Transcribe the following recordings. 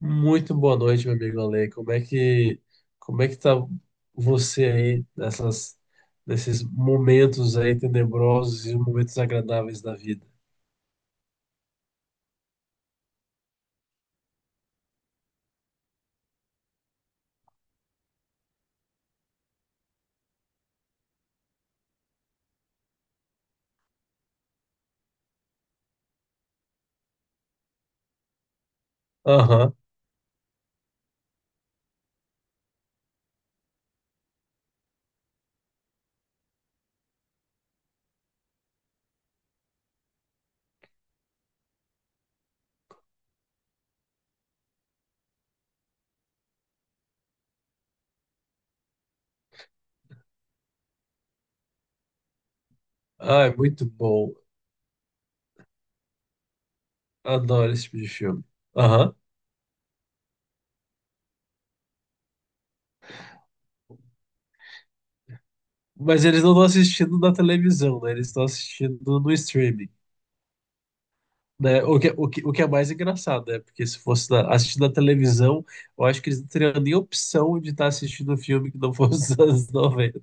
Muito boa noite, meu amigo Ale. Como é que tá você aí nesses momentos aí tenebrosos e momentos agradáveis da vida? Aham. Ah, é muito bom. Adoro esse tipo de filme. Aham. Mas eles não estão assistindo na televisão, né? Eles estão assistindo no streaming, né? O que é mais engraçado, né? Porque se fosse na, assistindo na televisão, eu acho que eles não teriam nem opção de estar assistindo um filme que não fosse dos anos 90.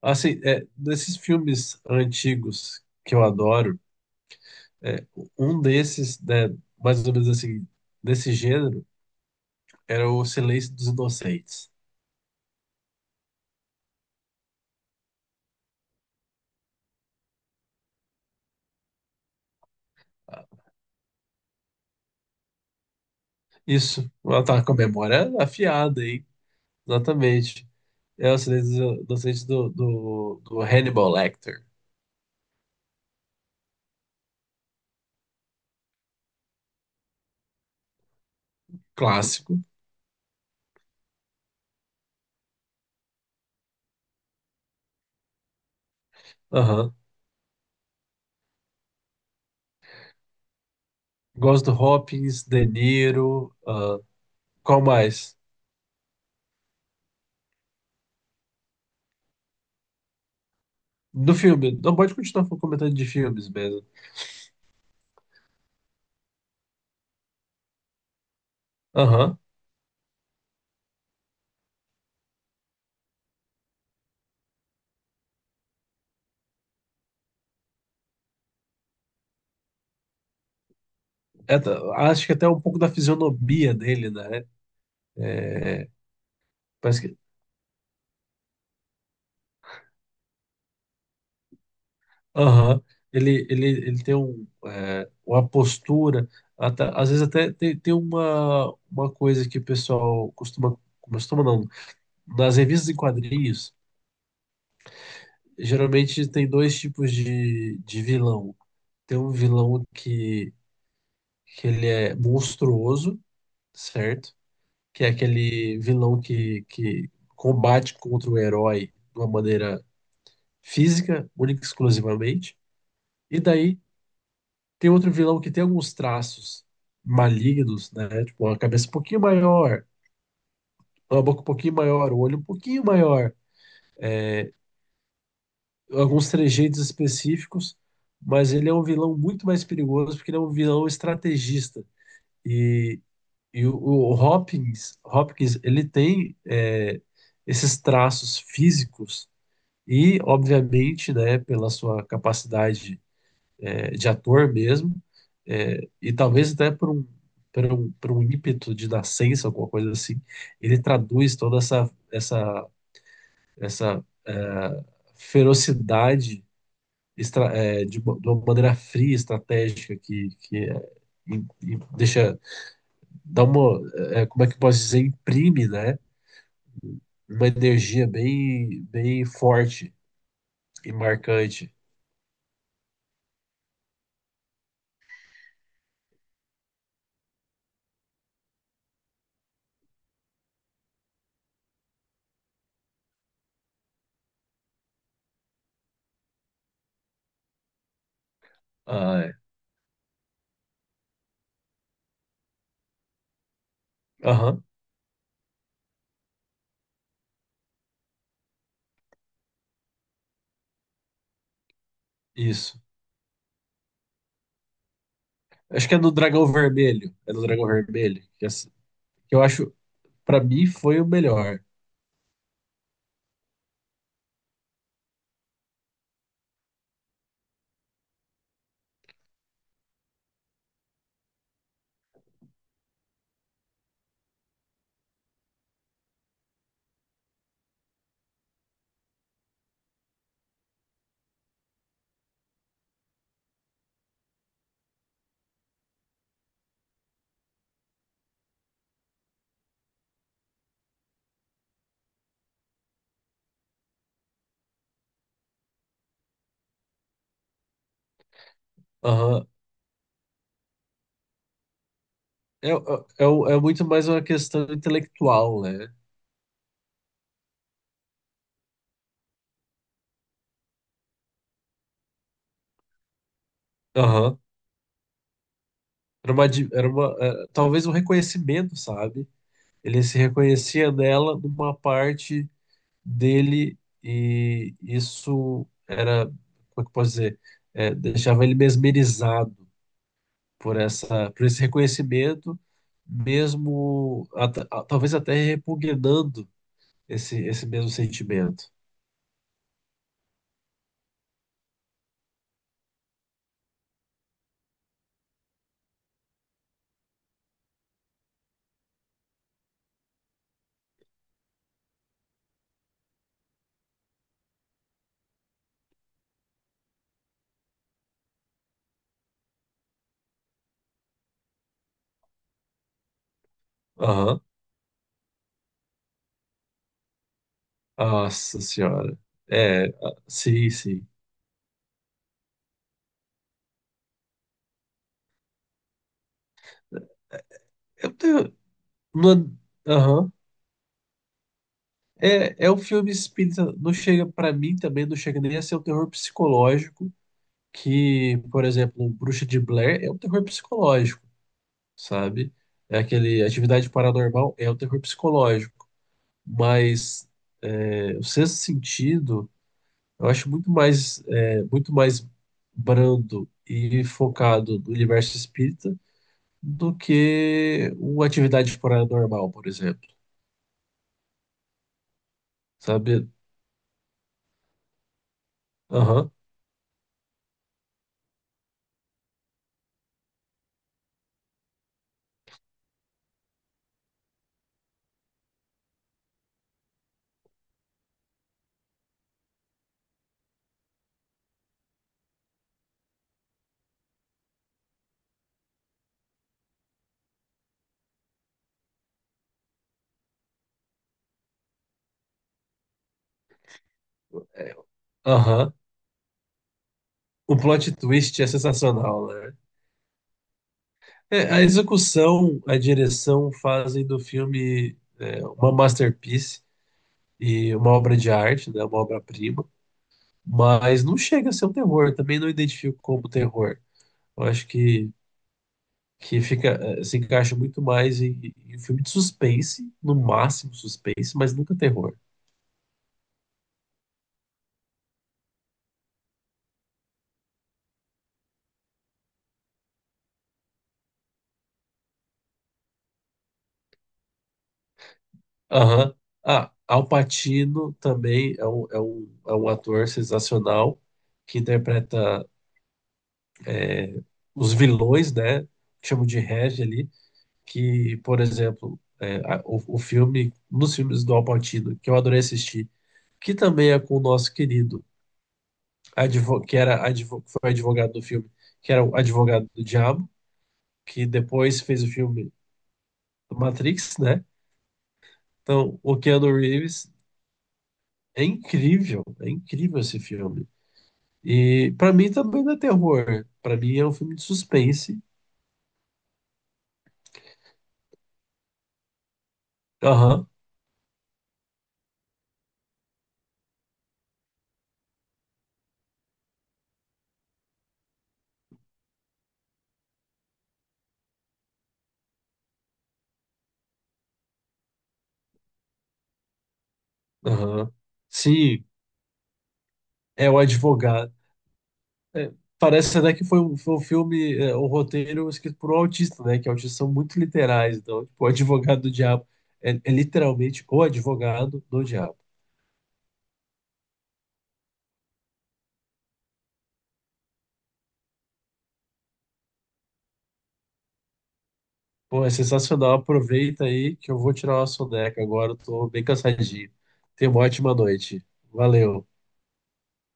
Assim, desses filmes antigos que eu adoro, é, um desses, né, mais ou menos assim, desse gênero, era O Silêncio dos Inocentes. Isso, ela tá com a memória afiada, hein? Exatamente. É O Silêncio dos Inocentes do Hannibal Lecter. Clássico. Aham. Gosto do Hopkins, De Niro. Qual mais? Do filme. Não pode continuar comentando de filmes mesmo. Aham. É, t- Acho que até um pouco da fisionomia dele, né? É, parece que. Aham. Ele tem um, é, uma postura, até- às vezes até tem, uma coisa que o pessoal costuma. Costuma não. Nas revistas em quadrinhos, geralmente tem dois tipos de vilão. Tem um vilão que ele é monstruoso, certo? Que é aquele vilão que combate contra o herói de uma maneira física, única e exclusivamente. E daí tem outro vilão que tem alguns traços malignos, né? Tipo, uma cabeça um pouquinho maior, uma boca um pouquinho maior, o olho um pouquinho maior, alguns trejeitos específicos, mas ele é um vilão muito mais perigoso porque ele é um vilão estrategista. E, e o Hopkins ele tem é, esses traços físicos e, obviamente, né, pela sua capacidade é, de ator mesmo, é, e talvez até por um ímpeto de nascença, alguma coisa assim, ele traduz toda essa é, ferocidade estra- é, de uma maneira fria, estratégica, que é, e- e deixa, dá uma, é, como é que eu posso dizer, imprime, né, uma energia bem, bem forte e marcante. Ah, é. Aham, isso. Acho que é no Dragão Vermelho. É no Dragão Vermelho. Que essa- que eu acho, pra mim, foi o melhor. Aham. É, é, é o- é muito mais uma questão intelectual, né? Aham. Era uma, di- era uma, é, talvez um reconhecimento, sabe? Ele se reconhecia nela numa parte dele e isso era, como é que eu posso dizer? É, deixava ele mesmerizado por por esse reconhecimento, mesmo at- a- talvez até repugnando esse mesmo sentimento. Aham. Nossa senhora. Ah, sim, sim. Eu tenho. Não- aham. É, é um filme espírita, não chega para mim também, não chega nem a ser um terror psicológico, que, por exemplo, um Bruxa de Blair é um terror psicológico, sabe? É aquele Atividade Paranormal é um terror psicológico, mas o Sexto Sentido eu acho muito mais, é, muito mais brando e focado no universo espírita do que uma Atividade Paranormal, por exemplo, sabe? Aham. Aham, o plot twist é sensacional, né? É, a execução, a direção fazem do filme é, uma masterpiece e uma obra de arte, né, uma obra-prima, mas não chega a ser um terror, também não identifico como terror. Eu acho que fica, eh, se encaixa muito mais em, em um filme de suspense, no máximo suspense, mas nunca terror. Aham. Ah, Al Pacino também é um ator sensacional que interpreta os vilões, né? Que chamam de Reg ali, que, por exemplo, o filme, nos filmes do Al Pacino, que eu adorei assistir, que também é com o nosso querido, que era advo, foi advogado do filme, que era o advogado do diabo, que depois fez o filme do Matrix, né? Então, o Keanu Reeves é incrível esse filme. E pra mim também não é terror, pra mim é um filme de suspense. Aham, aham. Sim, é o advogado. É, parece até que foi um filme, é, um roteiro escrito por um autista, né? Que autistas são muito literais. Então, tipo, o advogado do diabo é, é literalmente o advogado do diabo. Pô, é sensacional. Aproveita aí que eu vou tirar uma soneca agora. Eu tô bem cansadinho. Tenha uma ótima noite. Valeu.